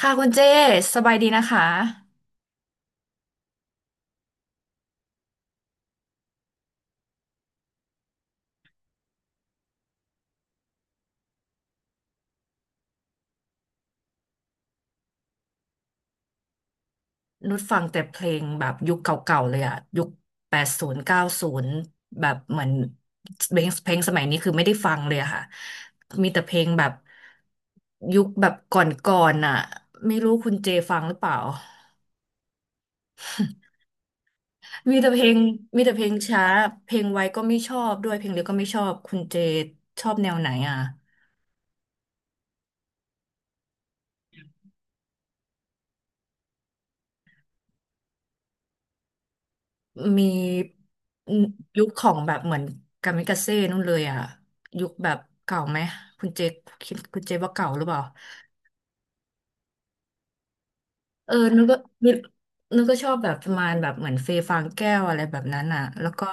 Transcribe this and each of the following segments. ค่ะคุณเจสบายดีนะคะนุชฟังแต่เพลงแบบยุคเก่าๆเลยอะยุคแปดศูนย์เก้าศูนย์แบบเหมือนเพลงสมัยนี้คือไม่ได้ฟังเลยอะค่ะมีแต่เพลงแบบยุคแบบก่อนๆอะไม่รู้คุณเจฟังหรือเปล่ามีแต่เพลงมีแต่เพลงช้าเพลงไวก็ไม่ชอบด้วยเพลงเร็วก็ไม่ชอบคุณเจชอบแนวไหนอะ มียุคของแบบเหมือนกามิกาเซ่นู่นเลยอ่ะยุคแบบเก่าไหมคุณเจคคิดคุณเจคว่าเก่าหรือเปล่าเออนึกนึกก็ชอบแบบประมาณแบบเหมือนเฟยฟางแก้วอะไรแบบนั้นอ่ะแล้วก็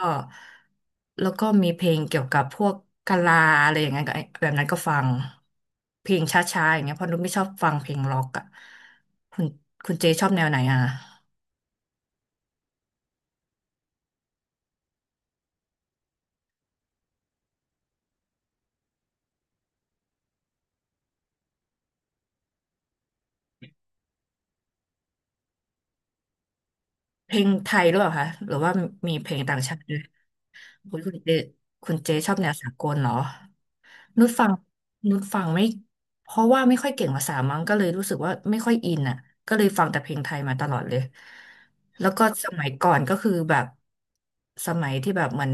แล้วก็มีเพลงเกี่ยวกับพวกกะลาอะไรอย่างเงี้ยก็แบบนั้นก็ฟังเพลงช้าๆอย่างเงี้ยเพราะนุกไม่ชอบฟังเพลงร็อกอ่ะคุณคุณเจชอบแนวไหนอ่ะเพลงไทยหรือเปล่าคะหรือว่ามีเพลงต่างชาติด้วย คุณคุณเจคุณเจชอบแนวสากลเหรอนุชฟังนุชฟังไม่เพราะว่าไม่ค่อยเก่งภาษามั้งก็เลยรู้สึกว่าไม่ค่อยอินอ่ะก็เลยฟังแต่เพลงไทยมาตลอดเลยแล้วก็สมัยก่อนก็คือแบบสมัยที่แบบมัน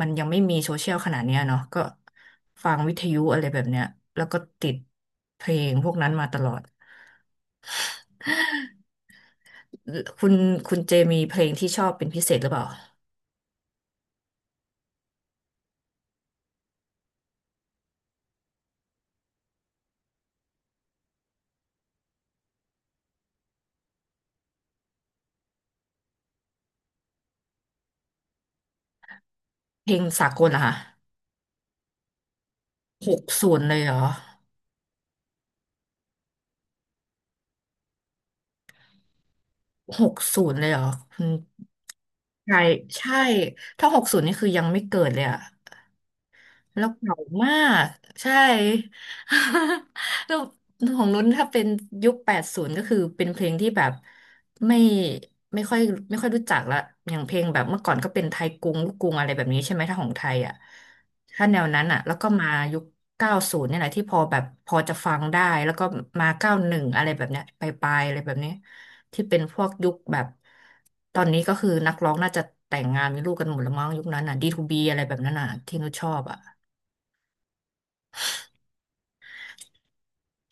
มันยังไม่มีโซเชียลขนาดเนี้ยเนาะก็ฟังวิทยุอะไรแบบเนี้ยแล้วก็ติดเพลงพวกนั้นมาตลอดคุณคุณเจมีเพลงที่ชอบเป็นพิเศษหรือเปล่าเพลงสากลเหรอคะหกศูนย์เลยเหรอ หกศูนย์เลยเหรอคุณใช่ยใช่ถ้าหกศูนย์นี่คือยังไม่เกิดเลยอะ แล้วเก่ามากใช่ แล้วของนุ้นถ้าเป็นยุค80ก็คือเป็นเพลงที่แบบไม่ไม่ค่อยไม่ค่อยรู้จักละอย่างเพลงแบบเมื่อก่อนก็เป็นไทยกรุงลูกกรุงอะไรแบบนี้ใช่ไหมถ้าของไทยอ่ะถ้าแนวนั้นอ่ะแล้วก็มายุค90เนี่ยแหละที่พอแบบพอจะฟังได้แล้วก็มา91อดอะไรแบบเนี้ยไปลายๆอะไรแบบนี้ที่เป็นพวกยุคแบบตอนนี้ก็คือนักร้องน่าจะแต่งงานมีลูกกันหมดแล้วมั้งยุคนั้นอ่ะ d บีอะไรแบบนั้นอ่ะที่นุชชอบอ่ะ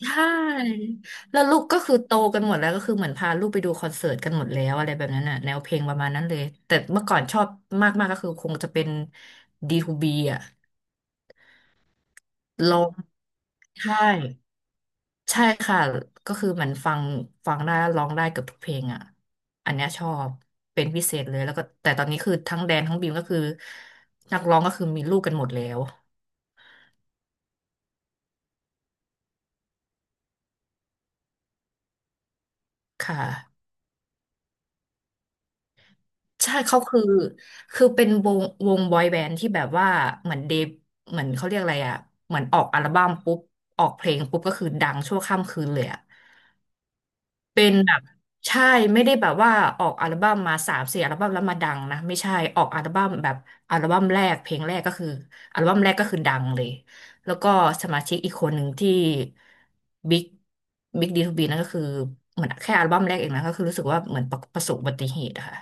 ใช่แล้วลูกก็คือโตกันหมดแล้วก็คือเหมือนพาลูกไปดูคอนเสิร์ตกันหมดแล้วอะไรแบบนั้นน่ะแนวเพลงประมาณนั้นเลยแต่เมื่อก่อนชอบมากๆก็คือคงจะเป็น D2B อ่ะร้องใช่ใช่ค่ะก็คือเหมือนฟังได้ร้องได้เกือบทุกเพลงอ่ะอันเนี้ยชอบเป็นพิเศษเลยแล้วก็แต่ตอนนี้คือทั้งแดนทั้งบีมก็คือนักร้องก็คือมีลูกกันหมดแล้วค่ะ ใช่เขาคือคือเป็นวงบอยแบนด์ที่แบบว่าเหมือนเดบเหมือนเขาเรียกอะไรอ่ะเหมือนออกอัลบั้มปุ๊บออกเพลงปุ๊บก็คือดังชั่วข้ามคืนเลยอ่ะเป็นแบบใช่ไม่ได้แบบว่าออกอัลบั้มมาสามสี่อัลบั้มแล้วมาดังนะไม่ใช่ออกอัลบั้มแบบอัลบั้มแรกเพลงแรกก็คืออัลบั้มแรกก็คือดังเลยแล้วก็สมาชิกอีกคนหนึ่งที่บิ๊กบิ๊กดีทูบีนั่นก็คือเหมือนแค่อัลบั้มแรกเองนะก็คือรู้สึกว่าเหมือนประสบอุบัติเหตุอะค่ะ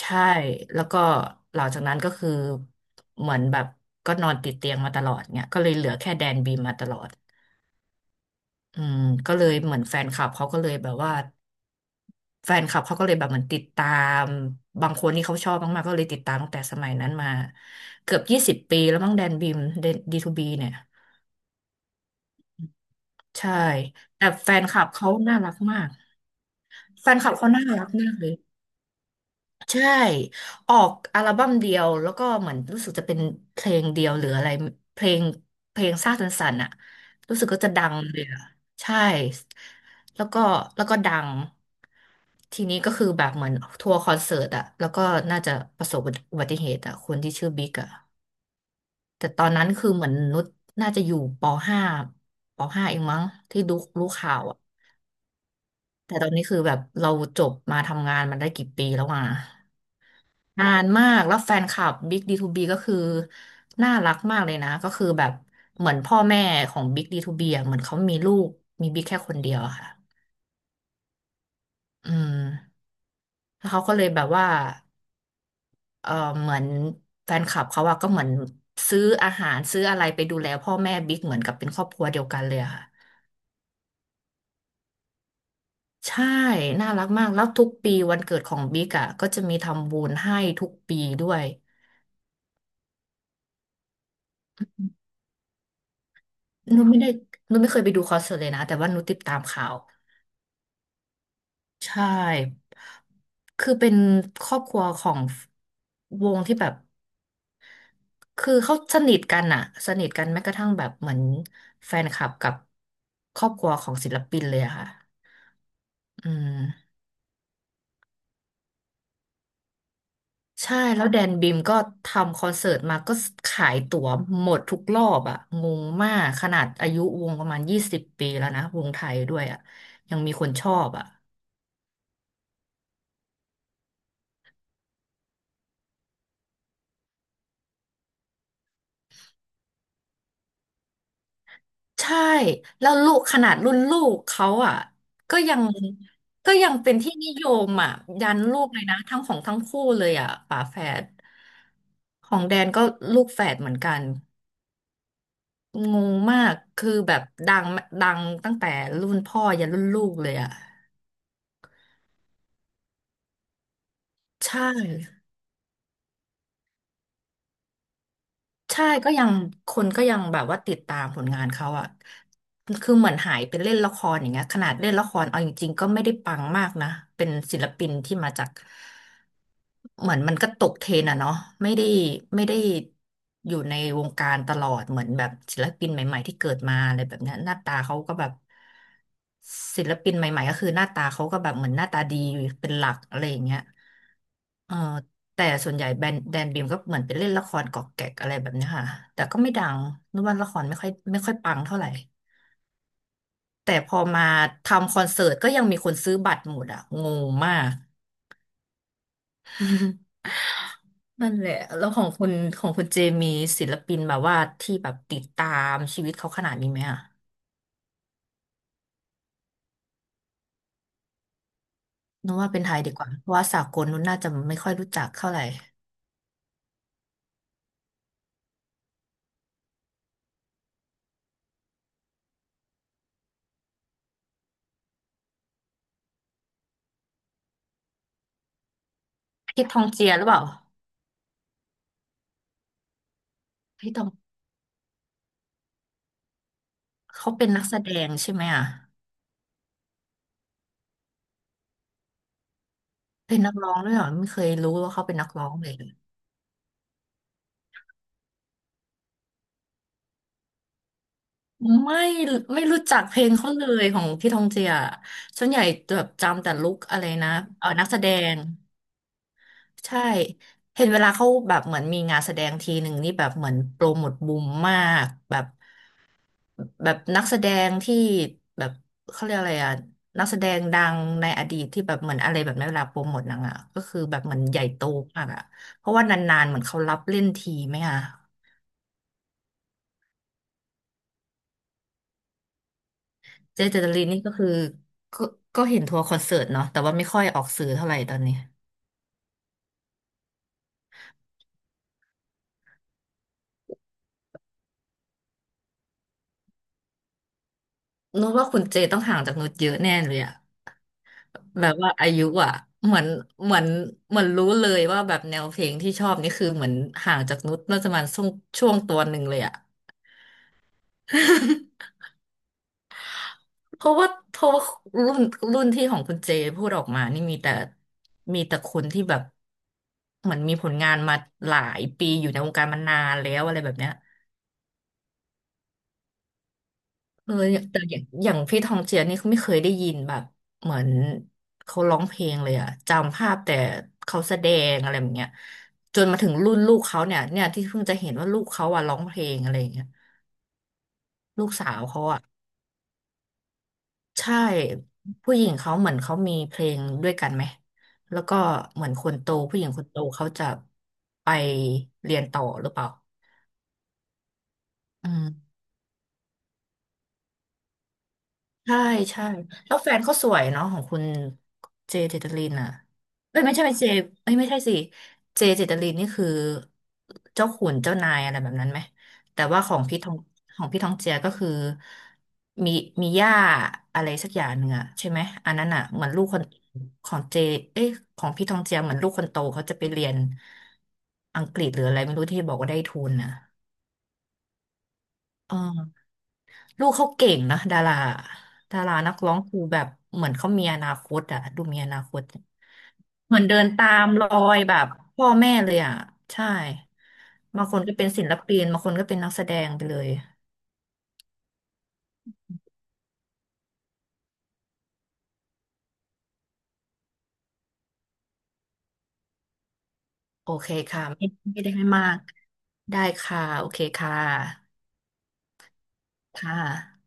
ใช่แล้วก็หลังจากนั้นก็คือเหมือนแบบก็นอนติดเตียงมาตลอดเนี่ยก็เลยเหลือแค่แดนบีมมาตลอดอืมก็เลยเหมือนแฟนคลับเขาก็เลยแบบว่าแฟนคลับเขาก็เลยแบบเหมือนติดตามบางคนที่เขาชอบมากๆก็เลยติดตามตั้งแต่สมัยนั้นมาเกือบ20 ปีแล้วมั้งแดนบีมดีทูบีเนี่ยใช่แต่แฟนคลับเขาน่ารักมากแฟนคลับเขาน่ารักมากเลย ใช่ออกอัลบั้มเดียวแล้วก็เหมือนรู้สึกจะเป็นเพลงเดียวหรืออะไรเพลงเพลงซ่าสันสันอะรู้สึกก็จะดังเลยอะใช่แล้วก็แล้วก็ดังทีนี้ก็คือแบบเหมือนทัวร์คอนเสิร์ตอะแล้วก็น่าจะประสบอุบัติเหตุอะคนที่ชื่อบิ๊กอะแต่ตอนนั้นคือเหมือนนุชน่าจะอยู่ปห้าปห้าเองมั้งที่รู้ข่าวอะแต่ตอนนี้คือแบบเราจบมาทำงานมันได้กี่ปีแล้วอะ นานมากแล้วแฟนคลับ Big ดีทูบีก็คือน่ารักมากเลยนะก็คือแบบเหมือนพ่อแม่ของ Big D2B อ่ะเหมือนเขามีลูกมี Big แค่คนเดียวอะค่ะอืมแล้วเขาก็เลยแบบว่าเออเหมือนแฟนคลับเขาอะก็เหมือนซื้ออาหารซื้ออะไรไปดูแลพ่อแม่บิ๊กเหมือนกับเป็นครอบครัวเดียวกันเลยอะค่ะใช่น่ารักมากแล้วทุกปีวันเกิดของบิ๊กอะก็จะมีทำบุญให้ทุกปีด้วยนุชไม่ได้นุชไม่เคยไปดูคอนเสิร์ตเลยนะแต่ว่านุชติดตามข่าว ใช่ คือเป็นครอบครัวของวงที่แบบ คือเขาสนิทกันอะสนิทกันแม้กระทั่งแบบเหมือนแฟนคลับกับครอบครัวของศิลปินเลยอะค่ะอืมใช่ แล้วแดนบิมก็ทำคอนเสิร์ตมาก็ขายตั๋วหมดทุกรอบอะงงมากขนาดอายุวงประมาณยี่สิบปีแล้วนะวงไทยด้วยอะยังมีคนชอบอะ ใช่แล้วลูกขนาดรุ่นลูกเขาอ่ะก็ยังก็ยังเป็นที่นิยมอ่ะยันลูกเลยนะทั้งของทั้งคู่เลยอ่ะฝาแฝดของแดนก็ลูกแฝดเหมือนกันงงมากคือแบบดังตั้งแต่รุ่นพ่อยันรุ่นลูกเลยอ่ะใช่ใช่ก็ยังคนก็ยังแบบว่าติดตามผลงานเขาอ่ะคือเหมือนหายไปเล่นละครอย่างเงี้ยขนาดเล่นละครเอาจริงๆก็ไม่ได้ปังมากนะเป็นศิลปินที่มาจาก เหมือนมันก็ตกเทรนด์อะเนาะไม่ได้ไม่ได้อยู่ในวงการตลอดเหมือนแบบศิลปินใหม่ๆที่เกิดมาอะไรแบบเนี้ยหน้าตาเขาก็แบบศิลปินใหม่ๆก็คือหน้าตาเขาก็แบบเหมือนหน้าตาดีเป็นหลักอะไรอย่างเงี้ยเออแต่ส่วนใหญ่แบรนด์แดนบีมก็เหมือนไปเล่นละครกอกแกกอะไรแบบเนี้ยค่ะแต่ก็ไม่ดังนึกว่าละครไม่ค่อยปังเท่าไหร่แต่พอมาทำคอนเสิร์ตก็ยังมีคนซื้อบัตรหมดอะงงมาก นั่นแหละแล้วของคุณเจมีศิลปินแบบว่าที่แบบติดตามชีวิตเขาขนาดนี้ไหมอ่ะนึกว่าเป็นไทยดีกว่าเพราะว่าสากลนู้นน่าจะไม่ค่อยรู้จักเท่าไหร่พี่ทองเจียหรือเปล่าพี่ทองเขาเป็นนักแสดงใช่ไหมอ่ะเป็นนักร้องด้วยเหรอไม่เคยรู้ว่าเขาเป็นนักร้องเลยไม่ไม่รู้จักเพลงเขาเลยของพี่ทองเจียส่วนใหญ่แบบจำแต่ลุคอะไรนะนักแสดง ใช่เห็นเวลาเขาแบบเหมือนมีงานแสดงทีหนึ่งนี่แบบเหมือนโปรโมทบูมมากแบบนักแสดงที่แบบเขาเรียกอะไรอะนักแสดงดังในอดีตที่แบบเหมือนอะไรแบบในเวลาโปรโมทหนังอะก็คือแบบเหมือนใหญ่โตมากอะเพราะว่านานๆเหมือนเขารับเล่นทีไหมอะเจเจตลินนี่ก็คือก็ก็เห็นทัวร์คอนเสิร์ตเนาะแต่ว่าไม่ค่อยออกสื่อเท่าไหร่ตอนนี้นุชว่าคุณเจต้องห่างจากนุชเยอะแน่เลยอะ แบบว่าอายุอ่ะเหมือนเหมือนเหมือนรู้เลยว่าแบบแนวเพลงที่ชอบนี่คือเหมือนห่างจากนุชน่าจะประมาณช่วงตัวหนึ่งเลยอ่ะ เพราะว่ารุ่นรุ่นที่ของคุณเจพูดออกมานี่มีแต่คนที่แบบเหมือนมีผลงานมาหลายปีอยู่ในวงการมานานแล้วอะไรแบบเนี้ย อย่างแต่อย่างพี่ทองเจียนี่เขาไม่เคยได้ยินแบบเหมือนเขาร้องเพลงเลยอะจำภาพแต่เขาแสดงอะไรแบบเนี้ยจนมาถึงรุ่นลูกเขาเนี่ยที่เพิ่งจะเห็นว่าลูกเขาอะร้องเพลงอะไรอย่างเงี้ยลูกสาวเขาอะใช่ผู้หญิงเขาเหมือนเขามีเพลงด้วยกันไหมแล้วก็เหมือนคนโตผู้หญิงคนโตเขาจะไปเรียนต่อหรือเปล่าอืม ใช่ใช่แล้วแฟนเขาสวยเนาะของคุณเจเจตลินอ่ะเอ้ยไม่ใช่ไม่เจเอ้ยไม่ใช่สิเจเจตลินนี่คือเจ้าขุนเจ้านายอะไรแบบนั้นไหมแต่ว่าของพี่ทองเจียก็คือมีมีย่าอะไรสักอย่างหนึ่งอะใช่ไหมอันนั้นอ่ะเหมือนลูกคนของเจเอ้ยของพี่ทองเจียเหมือนลูกคนโตเขาจะไปเรียนอังกฤษหรืออะไรไม่รู้ที่บอกว่าได้ทุนอ่ะเออ ลูกเขาเก่งนะดารานักร้องคือแบบเหมือนเขามีอนาคตอะดูมีอนาคตเหมือนเดินตามรอยแบบพ่อแม่เลยอะใช่บางคนก็เป็นศิลปินบางคนก็เป็นนักแสดงไปเลยโอเคค่ะไม่ได้ให้มากได้ค่ะโอเคค่ะค่ะ